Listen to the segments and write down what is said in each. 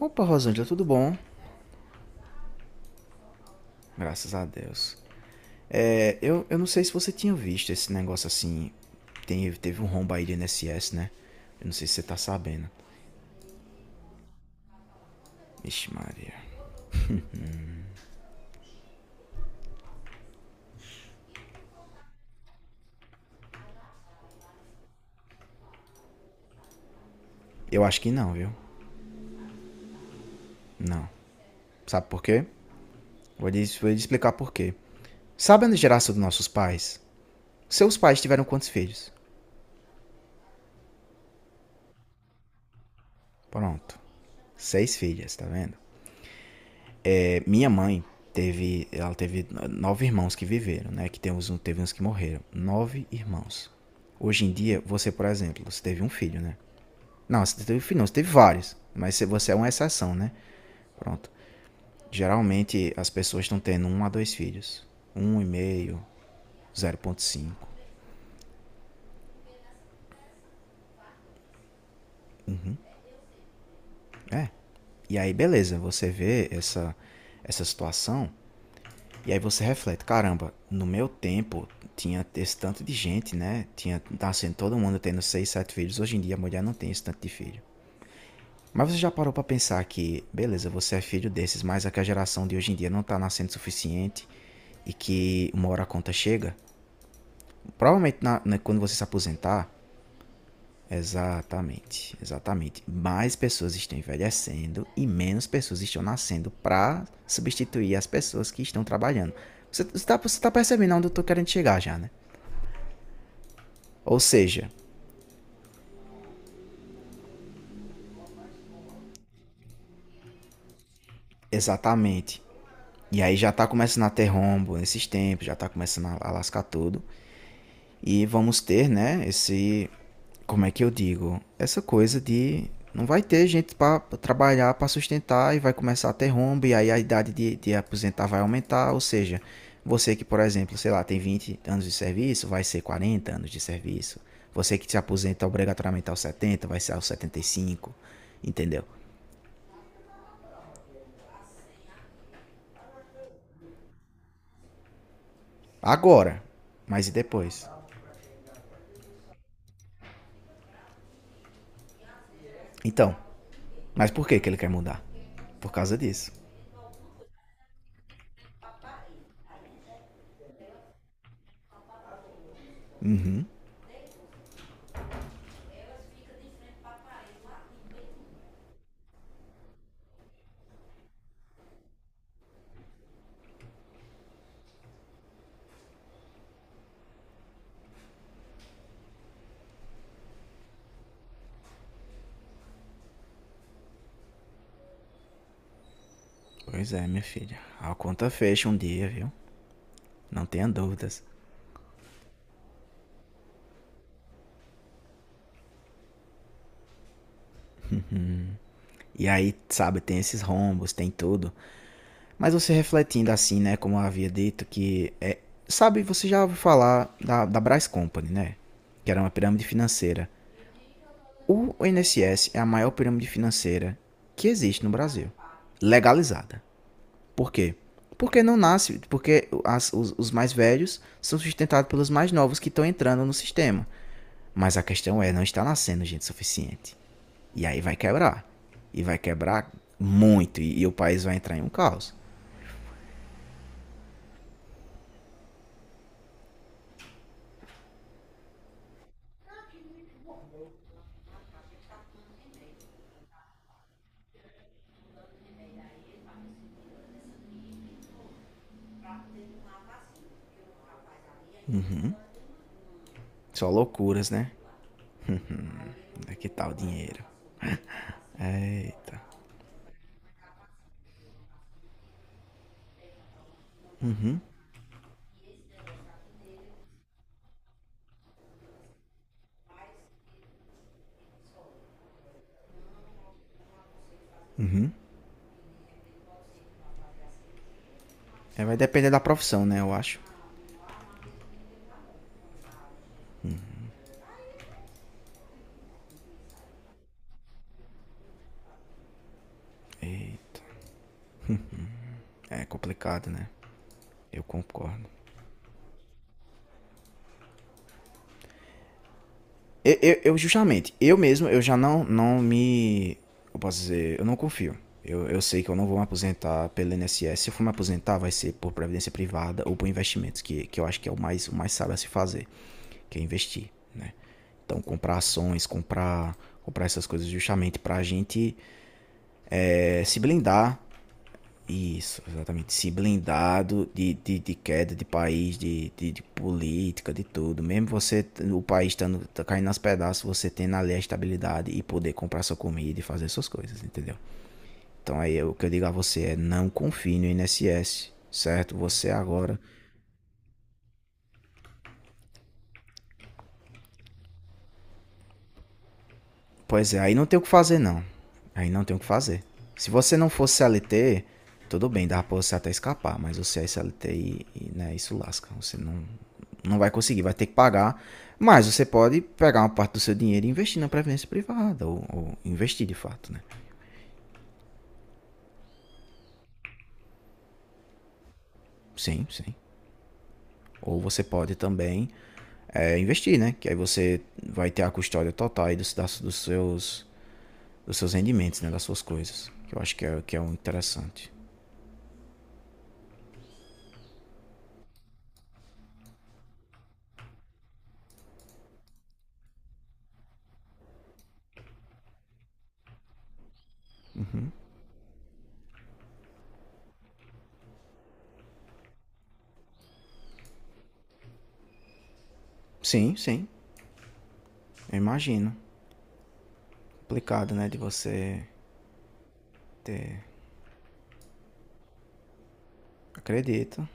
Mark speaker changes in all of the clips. Speaker 1: Opa, Rosângela, tudo bom? Graças a Deus. Eu não sei se você tinha visto esse negócio assim. Teve um rombo aí de INSS, né? Eu não sei se você tá sabendo. Ixi, Maria. Eu acho que não, viu? Não. Sabe por quê? Vou lhe explicar por quê. Sabe a geração dos nossos pais? Seus pais tiveram quantos filhos? Pronto. Seis filhas, tá vendo? É, minha mãe ela teve nove irmãos que viveram, né? Que tem uns, teve uns que morreram. Nove irmãos. Hoje em dia, você, por exemplo, você teve um filho, né? Não, você teve um filho, não, você teve vários. Mas você é uma exceção, né? Pronto. Geralmente as pessoas estão tendo um a dois filhos. Um e meio, zero ponto cinco. É. E aí, beleza, você vê essa situação. E aí você reflete, caramba, no meu tempo tinha esse tanto de gente, né? Tinha nascendo todo mundo tendo seis, sete filhos. Hoje em dia a mulher não tem esse tanto de filho. Mas você já parou para pensar que, beleza, você é filho desses, mas é que a geração de hoje em dia não tá nascendo o suficiente e que uma hora a conta chega? Provavelmente quando você se aposentar. Exatamente, exatamente. Mais pessoas estão envelhecendo e menos pessoas estão nascendo para substituir as pessoas que estão trabalhando. Você tá percebendo onde eu estou querendo chegar já, né? Ou seja, exatamente. E aí já está começando a ter rombo nesses tempos, já está começando a lascar tudo. E vamos ter, né, esse. Como é que eu digo? Essa coisa de. Não vai ter gente para trabalhar, para sustentar e vai começar a ter rombo e aí a idade de aposentar vai aumentar. Ou seja, você que, por exemplo, sei lá, tem 20 anos de serviço, vai ser 40 anos de serviço. Você que se aposenta obrigatoriamente aos 70 vai ser aos 75, entendeu? Agora, mas e depois? Então, mas por que que ele quer mudar? Por causa disso. Pois é, minha filha. A conta fecha um dia, viu? Não tenha dúvidas. E aí, sabe, tem esses rombos, tem tudo. Mas você refletindo assim, né? Como eu havia dito, que é. Sabe, você já ouviu falar da Brás Company, né? Que era uma pirâmide financeira. O INSS é a maior pirâmide financeira que existe no Brasil. Legalizada. Por quê? Porque não nasce, porque as- os mais velhos são sustentados pelos mais novos que estão entrando no sistema. Mas a questão é, não está nascendo gente suficiente. E aí vai quebrar. E vai quebrar muito. E o país vai entrar em um caos. Só loucuras, né? É que tal o dinheiro? Eita. É, vai depender da profissão, né? Eu acho. E é complicado, né? Eu concordo. Justamente, eu mesmo, eu já não me. Eu posso dizer, eu não confio. Eu sei que eu não vou me aposentar pelo INSS. Se eu for me aposentar, vai ser por previdência privada ou por investimentos, que eu acho que é o mais sábio a se fazer, que é investir, né? Então, comprar ações, comprar essas coisas justamente pra gente se blindar. Isso, exatamente. Se blindado de queda de país, de política, de tudo. Mesmo você, o país estando tá caindo aos pedaços, você tendo ali a estabilidade e poder comprar sua comida e fazer suas coisas, entendeu? Então aí o que eu digo a você é não confie no INSS, certo? Você agora. Pois é, aí não tem o que fazer, não. Aí não tem o que fazer. Se você não fosse CLT, tudo bem, dá pra você até escapar, mas você é CLT né, isso lasca. Você não, não vai conseguir, vai ter que pagar. Mas você pode pegar uma parte do seu dinheiro e investir na previdência privada, ou investir de fato, né? Sim, sim. Ou você pode também investir, né? Que aí você vai ter a custódia total aí seus, dos seus rendimentos, né? Das suas coisas. Que eu acho que é um interessante. Sim, sim. Eu imagino. Complicado, né? De você. Acredito,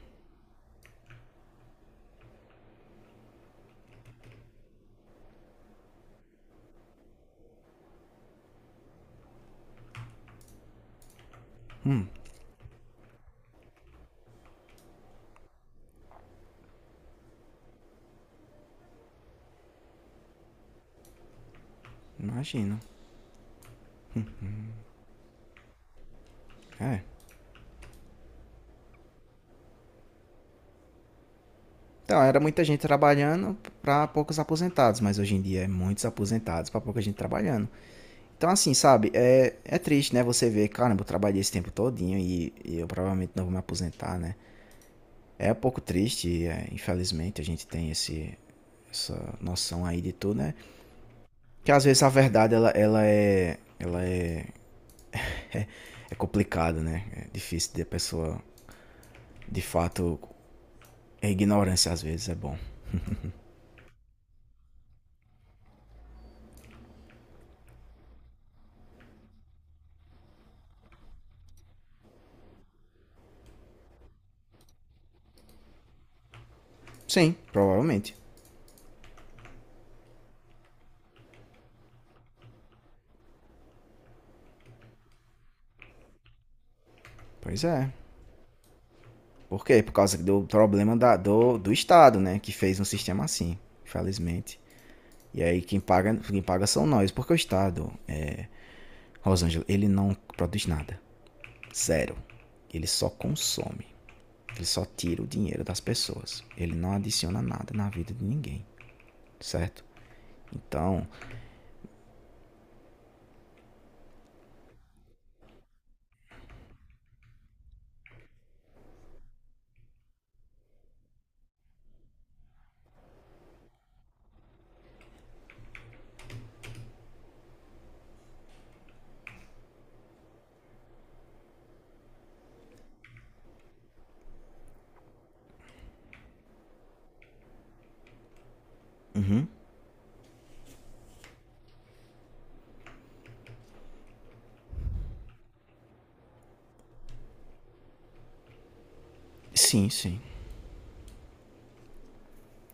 Speaker 1: imagino. É. Então, era muita gente trabalhando para poucos aposentados, mas hoje em dia é muitos aposentados para pouca gente trabalhando. Então, assim, sabe, é, é triste, né? Você ver, caramba, eu trabalhei esse tempo todinho e eu provavelmente não vou me aposentar, né? É um pouco triste, é, infelizmente, a gente tem esse, essa noção aí de tudo, né? Que às vezes a verdade, é complicada, né? É difícil de a pessoa, de fato, a ignorância às vezes é bom. Sim, provavelmente. Pois é. Por quê? Por causa do problema da- do Estado, né? Que fez um sistema assim, infelizmente. E aí quem paga são nós. Porque o Estado, é, Rosângela, ele não produz nada. Zero. Ele só consome. Ele só tira o dinheiro das pessoas. Ele não adiciona nada na vida de ninguém, certo? Então, sim, sim.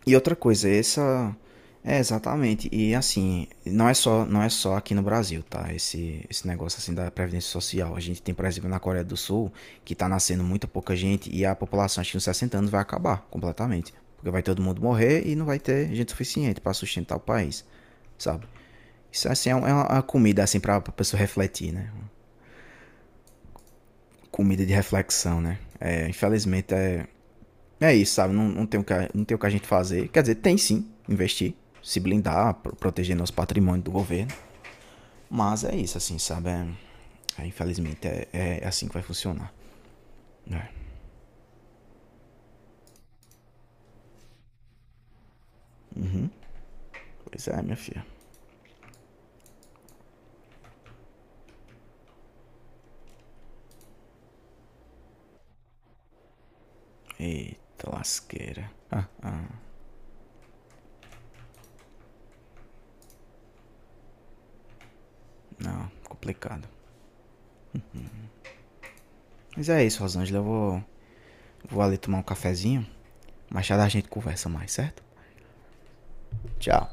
Speaker 1: E outra coisa, essa é exatamente. E assim, não é só aqui no Brasil, tá? Esse negócio assim da previdência social. A gente tem, por exemplo, na Coreia do Sul, que tá nascendo muita pouca gente e a população, acho que nos 60 anos vai acabar completamente, porque vai todo mundo morrer e não vai ter gente suficiente para sustentar o país, sabe? Isso assim é um, é uma, é comida assim para a pessoa refletir, né? Comida de reflexão, né? É, infelizmente é. É isso, sabe? Não, tem o que, não tem o que a gente fazer. Quer dizer, tem sim, investir, se blindar, pro- proteger nosso patrimônio do governo. Mas é isso, assim, sabe? É- é, infelizmente é, é assim que vai funcionar. É. Pois é, minha filha. Eita lasqueira. Ah, não, complicado. Mas é isso, Rosângela. Vou ali tomar um cafezinho. Mais tarde a gente conversa mais, certo? Tchau.